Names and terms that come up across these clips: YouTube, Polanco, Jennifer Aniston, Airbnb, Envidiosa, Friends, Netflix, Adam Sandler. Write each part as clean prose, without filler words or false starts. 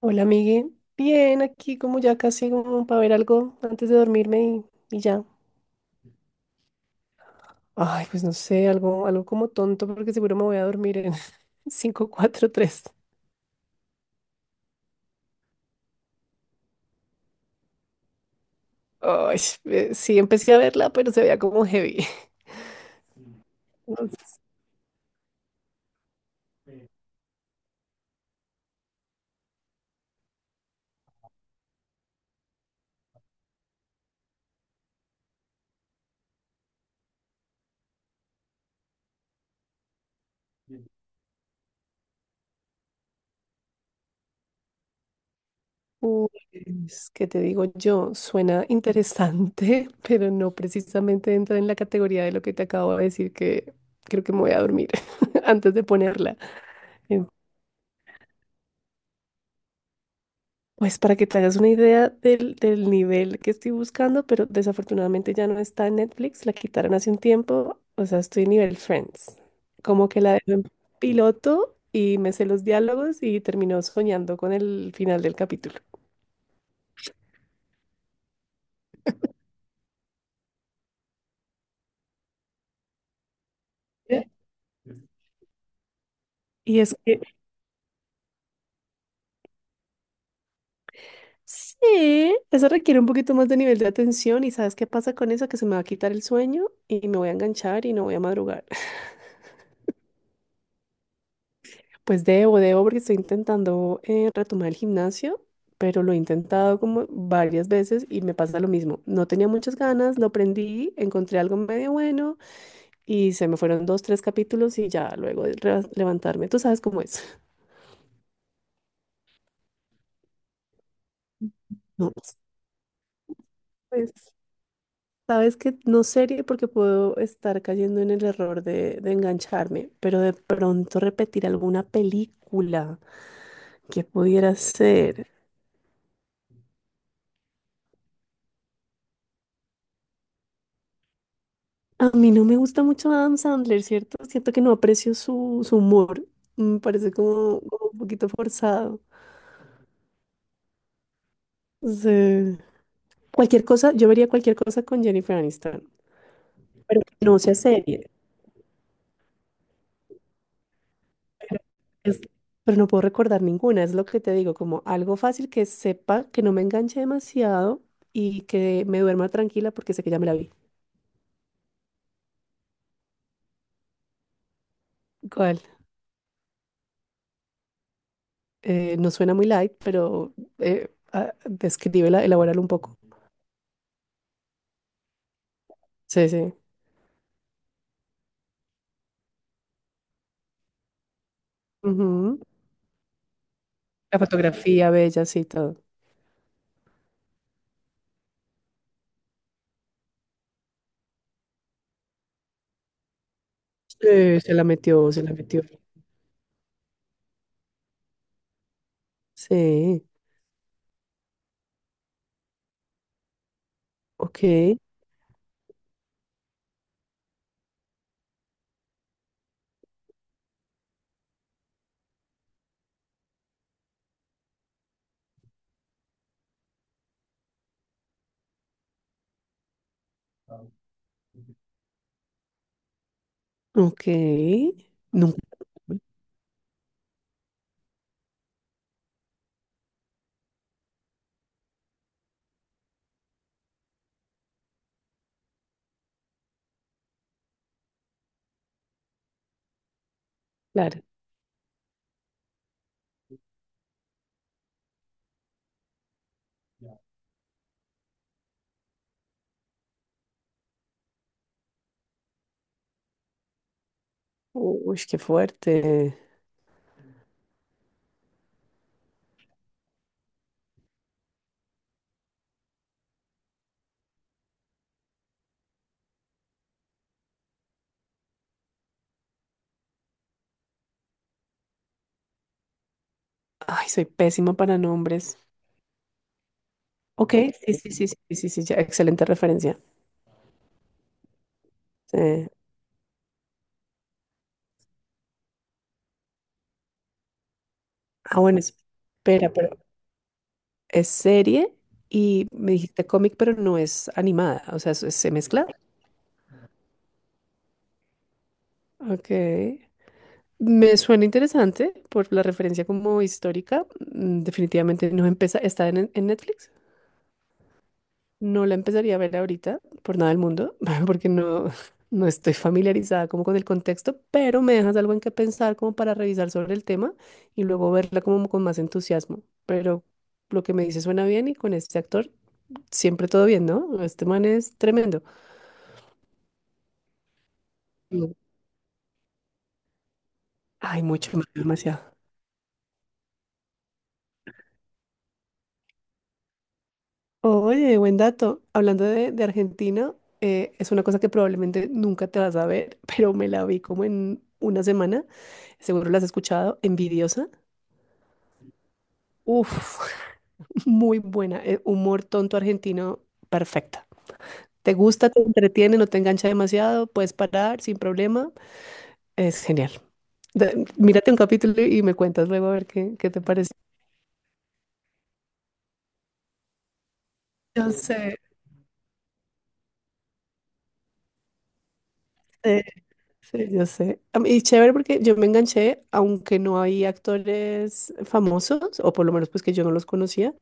Hola, Miguel. Bien, aquí como ya casi como para ver algo antes de dormirme y ya. Ay, pues no sé, algo como tonto porque seguro me voy a dormir en cinco cuatro tres. Ay, sí, empecé a verla, pero se veía como heavy. No sé. Pues, ¿qué te digo yo? Suena interesante, pero no precisamente entra en la categoría de lo que te acabo de decir, que creo que me voy a dormir antes de ponerla. Pues para que te hagas una idea del nivel que estoy buscando, pero desafortunadamente ya no está en Netflix, la quitaron hace un tiempo, o sea, estoy nivel Friends, como que la dejo en piloto y me sé los diálogos y termino soñando con el final del capítulo. ¿Eh? Y es que sí, eso requiere un poquito más de nivel de atención y ¿sabes qué pasa con eso? Que se me va a quitar el sueño y me voy a enganchar y no voy a madrugar. Pues debo, debo, porque estoy intentando retomar el gimnasio, pero lo he intentado como varias veces y me pasa lo mismo. No tenía muchas ganas, lo prendí, encontré algo medio bueno y se me fueron dos, tres capítulos y ya luego de re- levantarme. Tú sabes cómo es. No, pues sabes que no serie porque puedo estar cayendo en el error de engancharme, pero de pronto repetir alguna película que pudiera ser. A mí no me gusta mucho Adam Sandler, ¿cierto? Siento que no aprecio su humor. Me parece como un poquito forzado. O sea, cualquier cosa, yo vería cualquier cosa con Jennifer Aniston, pero que no sea serie. Pero, es- pero no puedo recordar ninguna, es lo que te digo, como algo fácil que sepa, que no me enganche demasiado y que me duerma tranquila porque sé que ya me la vi. ¿Cuál? No suena muy light, pero descríbela, elabórala un poco. Sí, sí. La fotografía bella, sí, todo. Sí, se la metió, se la metió. Sí, ok, ok. Nunca, claro. Uy, qué fuerte. Ay, soy pésima para nombres. Ok, sí, sí, sí, sí, sí, sí, sí, ya, excelente referencia. Sí. Ah, bueno, espera, pero es serie y me dijiste cómic, pero no es animada, o sea, se mezcla. Ok. Me suena interesante por la referencia como histórica. Definitivamente no empieza, está en Netflix. No la empezaría a ver ahorita, por nada del mundo, porque no estoy familiarizada como con el contexto, pero me dejas algo en que pensar como para revisar sobre el tema y luego verla como con más entusiasmo. Pero lo que me dice suena bien y con este actor siempre todo bien, ¿no? Este man es tremendo. Mm. Ay, mucho, demasiado. Oye, buen dato. Hablando de Argentina, es una cosa que probablemente nunca te vas a ver, pero me la vi como en una semana. Seguro la has escuchado, Envidiosa. Uf, muy buena. Humor tonto argentino, perfecta. ¿Te gusta, te entretiene, no te engancha demasiado? Puedes parar sin problema. Es genial. Mírate un capítulo y me cuentas luego a ver qué, qué te parece. Yo sé, sí, sí, yo sé. Y chévere porque yo me enganché, aunque no hay actores famosos, o por lo menos pues que yo no los conocía.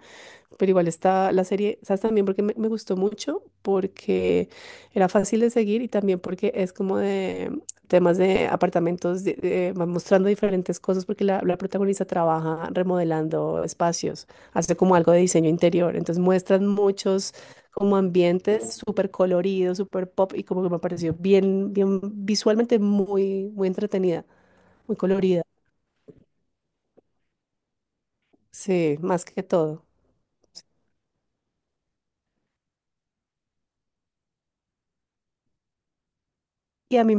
Pero igual está la serie, ¿sabes? También porque me gustó mucho, porque era fácil de seguir y también porque es como de temas de apartamentos, va mostrando diferentes cosas porque la protagonista trabaja remodelando espacios, hace como algo de diseño interior, entonces muestran muchos como ambientes súper coloridos, súper pop y como que me pareció bien, bien visualmente muy, muy entretenida, muy colorida, sí, más que todo. Y a mí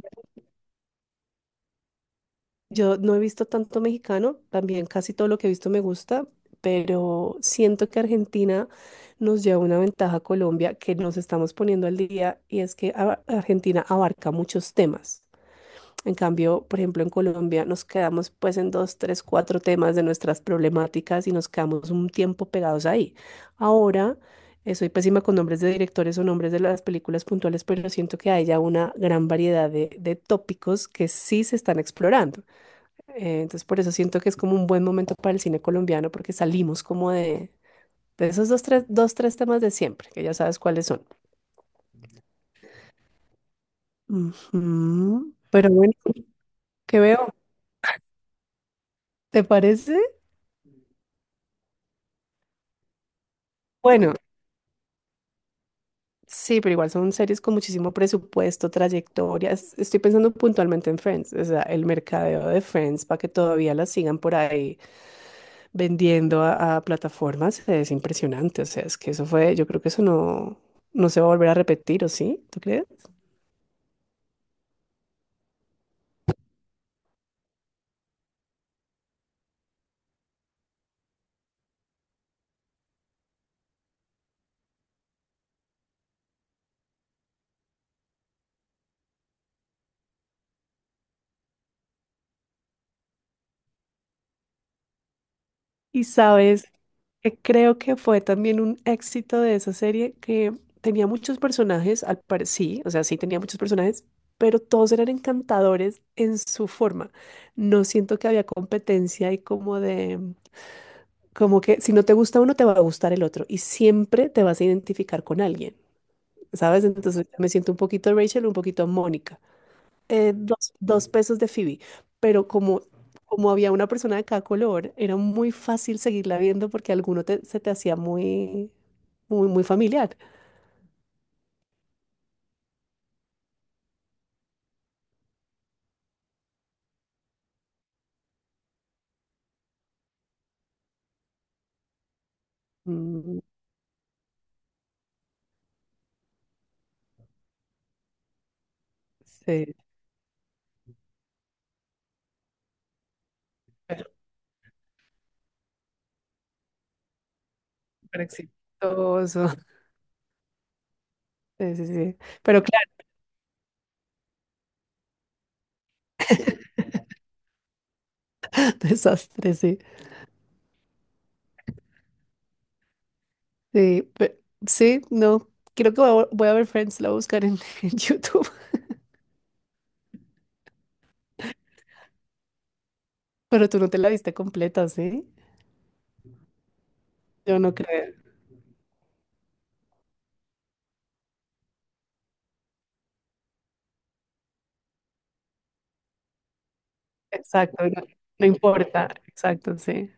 Yo no he visto tanto mexicano, también casi todo lo que he visto me gusta, pero siento que Argentina nos lleva una ventaja a Colombia que nos estamos poniendo al día y es que Argentina abarca muchos temas. En cambio, por ejemplo, en Colombia nos quedamos pues en dos, tres, cuatro temas de nuestras problemáticas y nos quedamos un tiempo pegados ahí. Ahora, soy pésima con nombres de directores o nombres de las películas puntuales, pero siento que hay ya una gran variedad de tópicos que sí se están explorando. Entonces por eso siento que es como un buen momento para el cine colombiano porque salimos como de esos dos tres, dos, tres temas de siempre, que ya sabes cuáles son. Ujú. Pero bueno, ¿qué veo? ¿Te parece? Bueno, sí, pero igual son series con muchísimo presupuesto, trayectorias. Estoy pensando puntualmente en Friends, o sea, el mercadeo de Friends para que todavía la sigan por ahí vendiendo a plataformas es impresionante. O sea, es que eso fue, yo creo que eso no, no se va a volver a repetir, ¿o sí? ¿Tú crees? Y sabes, creo que fue también un éxito de esa serie que tenía muchos personajes, al pare sí, o sea, sí tenía muchos personajes, pero todos eran encantadores en su forma. No siento que había competencia y como que si no te gusta uno, te va a gustar el otro y siempre te vas a identificar con alguien, ¿sabes? Entonces me siento un poquito Rachel, un poquito Mónica, dos pesos de Phoebe, pero como había una persona de cada color, era muy fácil seguirla viendo porque alguno se te hacía muy, muy, muy familiar. Mm, sí, pero, pero exitoso. Sí, sí, sí. Pero claro, desastre, sí. Sí, sí, no. Creo que voy a ver Friends, la voy a buscar en YouTube, pero tú no te la viste completa, ¿sí? Yo no creo. Exacto, no, no importa. Exacto, sí.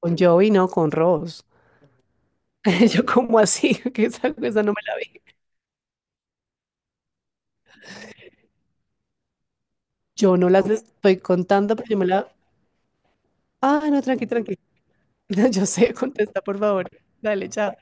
Con Joey, no, con Ross. Yo como así, que esa no me la vi. Yo no las estoy contando, pero yo me la... Ah, no, tranqui, tranqui. Yo sé, contesta, por favor. Dale, chao.